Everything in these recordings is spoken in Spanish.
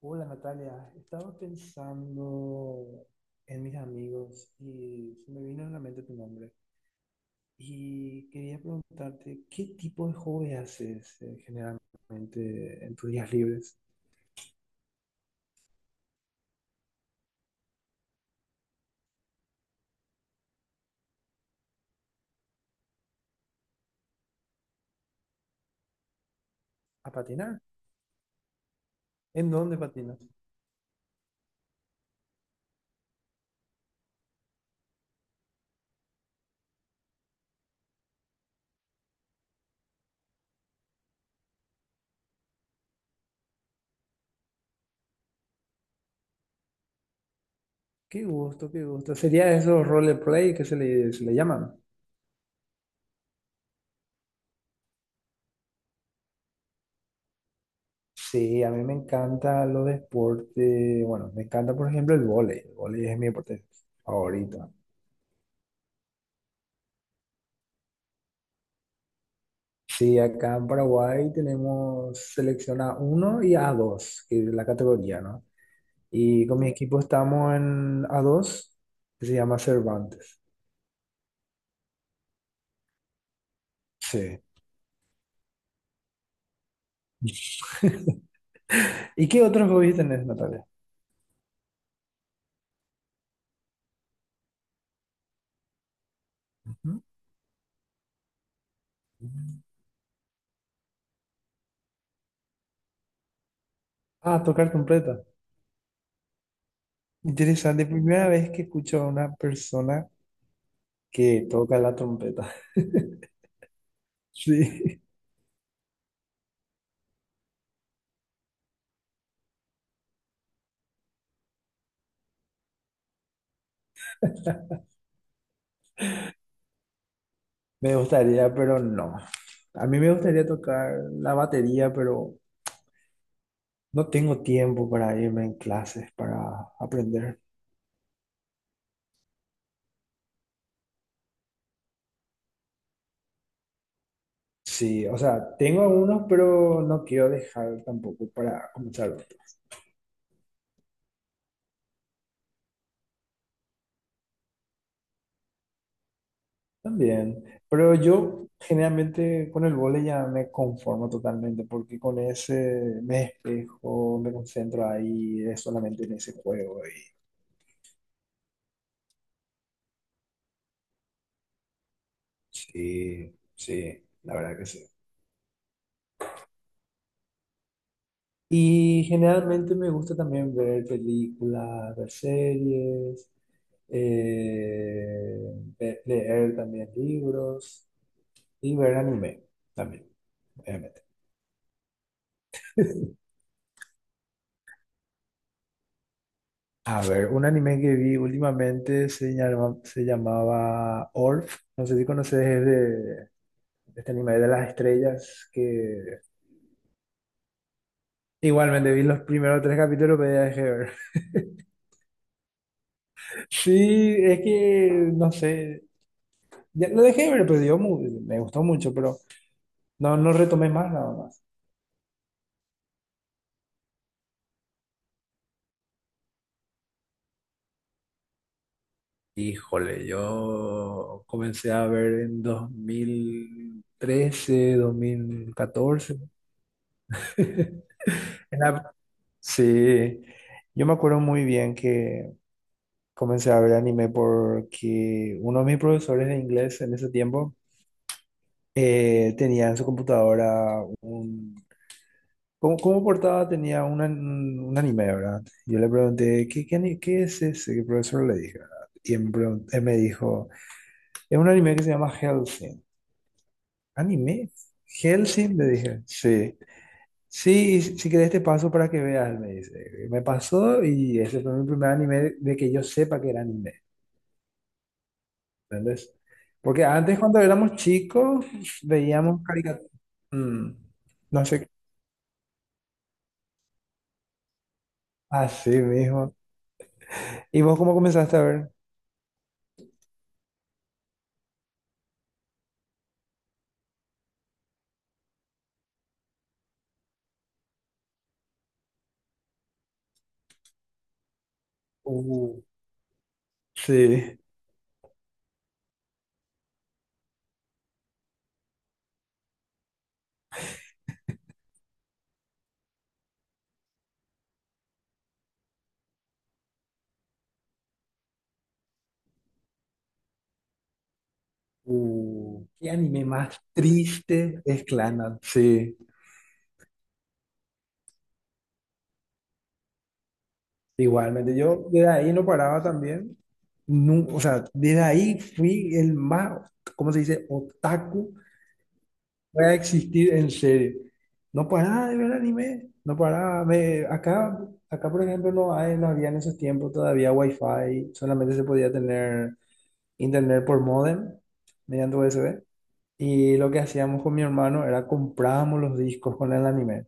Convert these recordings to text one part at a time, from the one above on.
Hola Natalia, estaba pensando en mis amigos y se me vino a la mente tu nombre. Y quería preguntarte, ¿qué tipo de hobby haces generalmente en tus días libres? ¿A patinar? ¿En dónde patinas? Qué gusto, qué gusto. ¿Sería esos roleplay que se le llaman? Sí, a mí me encanta los deportes. Bueno, me encanta, por ejemplo, el vóley. El vóley es mi deporte favorito. Sí, acá en Paraguay tenemos selección A1 y a dos que es la categoría, ¿no? Y con mi equipo estamos en a dos que se llama Cervantes. Sí. ¿Y qué otros hobbies tenés, Natalia? Ujú. Ah, tocar trompeta. Interesante, primera vez que escucho a una persona que toca la trompeta. Sí, me gustaría, pero no. A mí me gustaría tocar la batería, pero no tengo tiempo para irme en clases, para aprender. Sí, o sea, tengo algunos, pero no quiero dejar tampoco para comenzar otro. También, pero yo generalmente con el vóley ya me conformo totalmente, porque con ese me despejo, me concentro ahí, es solamente en ese juego. Y sí, sí, la verdad que sí. Y generalmente me gusta también ver películas, ver series. eh, leer también libros y ver anime también, obviamente. A ver, un anime que vi últimamente se llamaba Orf. No sé si conoces, es de este anime de las estrellas que igualmente vi los primeros tres capítulos, pero ya dejé de ver. Sí, es que no sé. Ya lo dejé de ver, pero me gustó mucho, pero no retomé más nada. Híjole, yo comencé a ver en 2013, 2014. En la- Sí, yo me acuerdo muy bien que comencé a ver anime porque uno de mis profesores de inglés en ese tiempo tenía en su computadora un... Como, como portada tenía un, un anime, ¿verdad? Yo le pregunté, qué es ese? Que el profesor, le dije, ¿verdad? Y él me, él me dijo, es un anime que se llama Hellsing. ¿Anime? ¿Hellsing? Le dije. Sí. Sí, si querés te paso para que veas, me dice. Me pasó y ese fue mi primer anime de que yo sepa que era anime, ¿entendés? Porque antes cuando éramos chicos veíamos caricaturas. No sé, así mismo. ¿Y vos cómo comenzaste a ver? Uh, sí. ¿Qué anime más triste? Es Clannad. Sí. Igualmente, yo desde ahí no paraba también. O sea, desde ahí fui el más, ¿cómo se dice? Otaku que va a existir en serio. No paraba de ver anime, no paraba. Acá, acá, por ejemplo, no había en esos tiempos todavía wifi, solamente se podía tener internet por modem, mediante USB. Y lo que hacíamos con mi hermano era comprábamos los discos con el anime.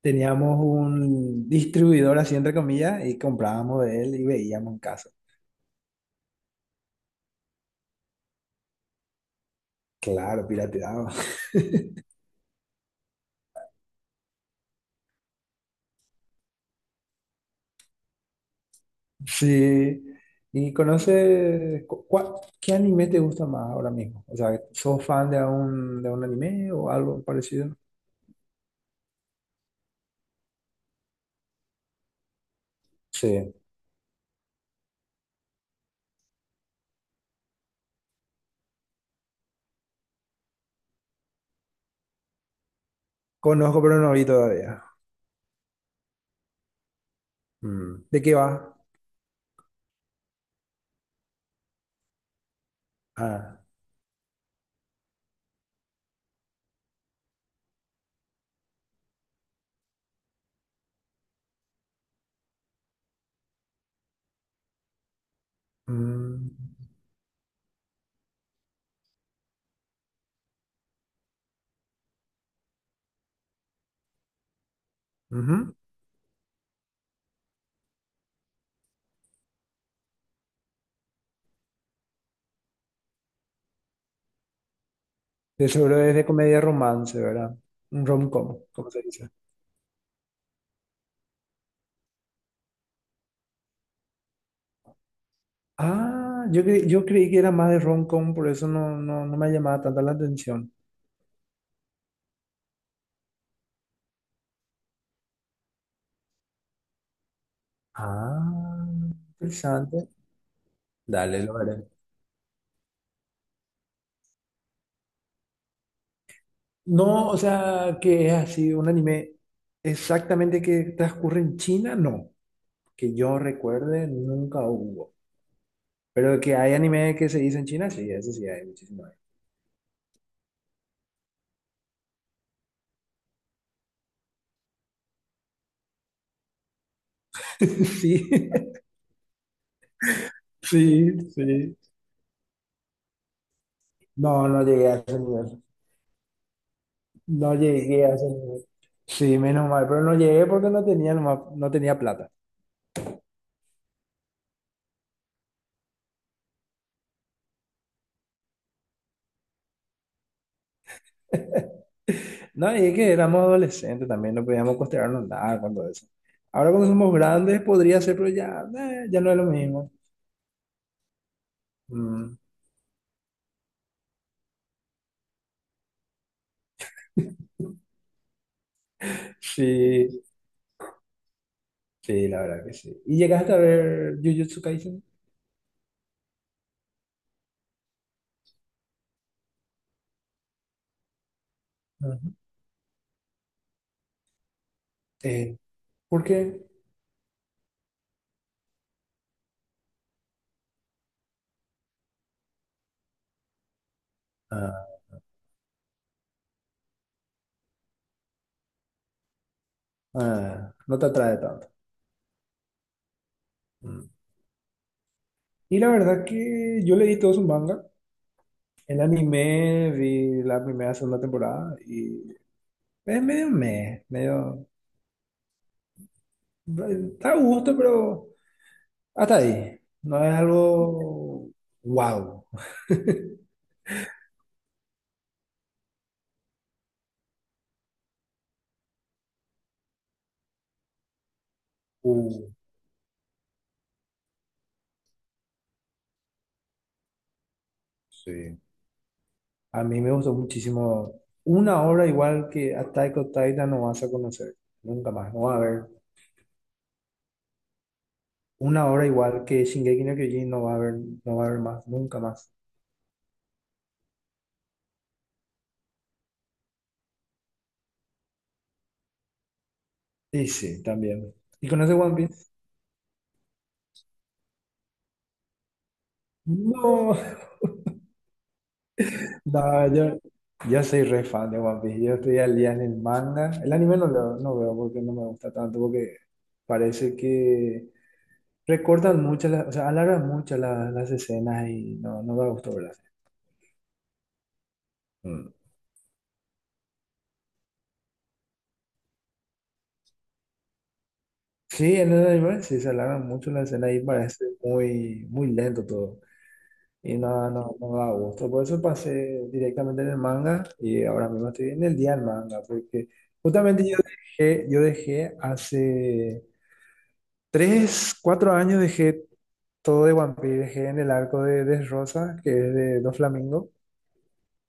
Teníamos un distribuidor, así entre comillas, y comprábamos de él y veíamos en casa. Claro, pirateado. Sí. ¿Y conoces qué anime te gusta más ahora mismo? O sea, ¿sos fan de de un anime o algo parecido? Sí. Conozco, pero no vi todavía. Mm. ¿De qué va? Ah. Mm, ujú. De seguro es de comedia romance, ¿verdad? Un rom-com, como se dice. Ah, yo, yo creí que era más de rom-com, por eso no me llamaba tanta la atención. Ah, interesante. Dale, lo veré. No, o sea, que es así, un anime exactamente que transcurre en China, no. Que yo recuerde, nunca hubo. Pero que hay anime que se dice en China, sí, eso sí hay muchísimo. Sí, sí, sí. No, no llegué a ese nivel. No llegué a ese nivel. Sí, menos mal, pero no llegué porque no tenía plata. No, y es que éramos adolescentes también, no podíamos costearnos nada con todo eso. Ahora cuando somos grandes podría ser, pero ya, ya no es lo mismo. Mm, sí, sí, la verdad que sí. ¿Y llegaste a ver Jujutsu Kaisen? Ujú. Eh, ¿Por qué? Ah, ah, no te atrae tanto. Mm. Y la verdad que yo leí todo su manga. El anime, vi la primera, segunda temporada y es medio meh, medio... Está a gusto, pero... Hasta ahí. No es algo wow. Uh, sí. A mí me gustó muchísimo. Una obra igual que Attack on Titan no vas a conocer. Nunca más. No va a haber. Una obra igual que Shingeki no Kyojin no va a haber. No va a haber más. Nunca más. Y sí, también. ¿Y conoces One Piece? No. No, yo soy re fan de One Piece. Yo estoy al día en el manga. El anime no veo porque no me gusta tanto. Porque parece que recortan mucho, o sea, alargan mucho las escenas y no, no me gustó, ¿verdad? Mm. Sí, en el anime sí se alargan mucho las escenas y parece muy, muy lento todo. Y no, no, no da gusto. Por eso pasé directamente en el manga y ahora mismo estoy en el día del manga, porque justamente yo dejé hace tres, cuatro años dejé todo de One Piece, dejé en el arco de Rosa que es de Doflamingo.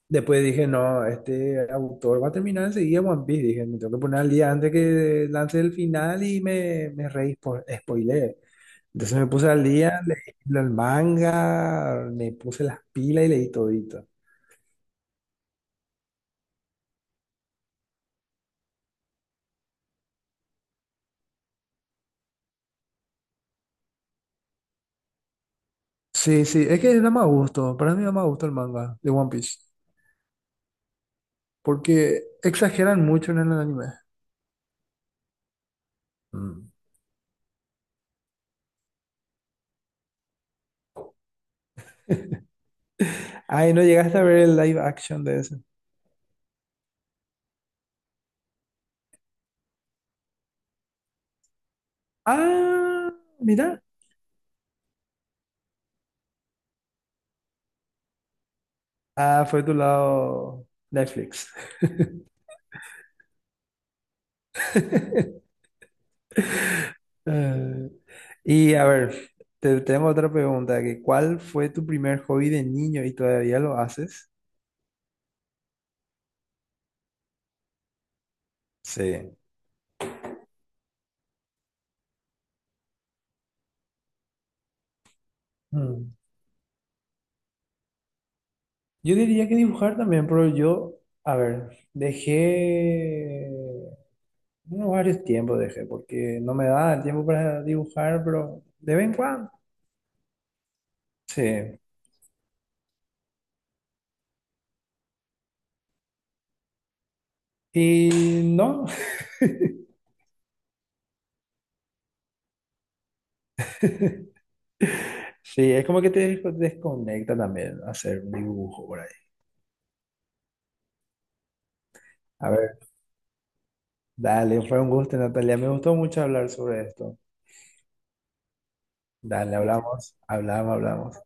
Después dije, no, este autor va a terminar enseguida One Piece. Dije, me tengo que poner al día antes que lance el final y me spoileé. Entonces me puse al día, leí el manga, me puse las pilas y leí todito. Sí, sí, es que da más gusto. Para mí da más gusto el manga de One Piece. Porque exageran mucho en el anime. Mm. Ay, ¿no llegaste a ver el live action de ese? Ah, mira. Ah, fue tu lado Netflix. Eh, y a ver, tengo otra pregunta, que ¿cuál fue tu primer hobby de niño y todavía lo haces? Sí. Mm, yo diría que dibujar también, pero a ver, dejé, bueno, varios tiempos dejé, porque no me daba el tiempo para dibujar, pero de vez en cuando, sí. Y no, sí, es como que te desconecta también hacer un dibujo por ahí. A ver, dale, fue un gusto, Natalia, me gustó mucho hablar sobre esto. Dale, hablamos, hablamos, hablamos.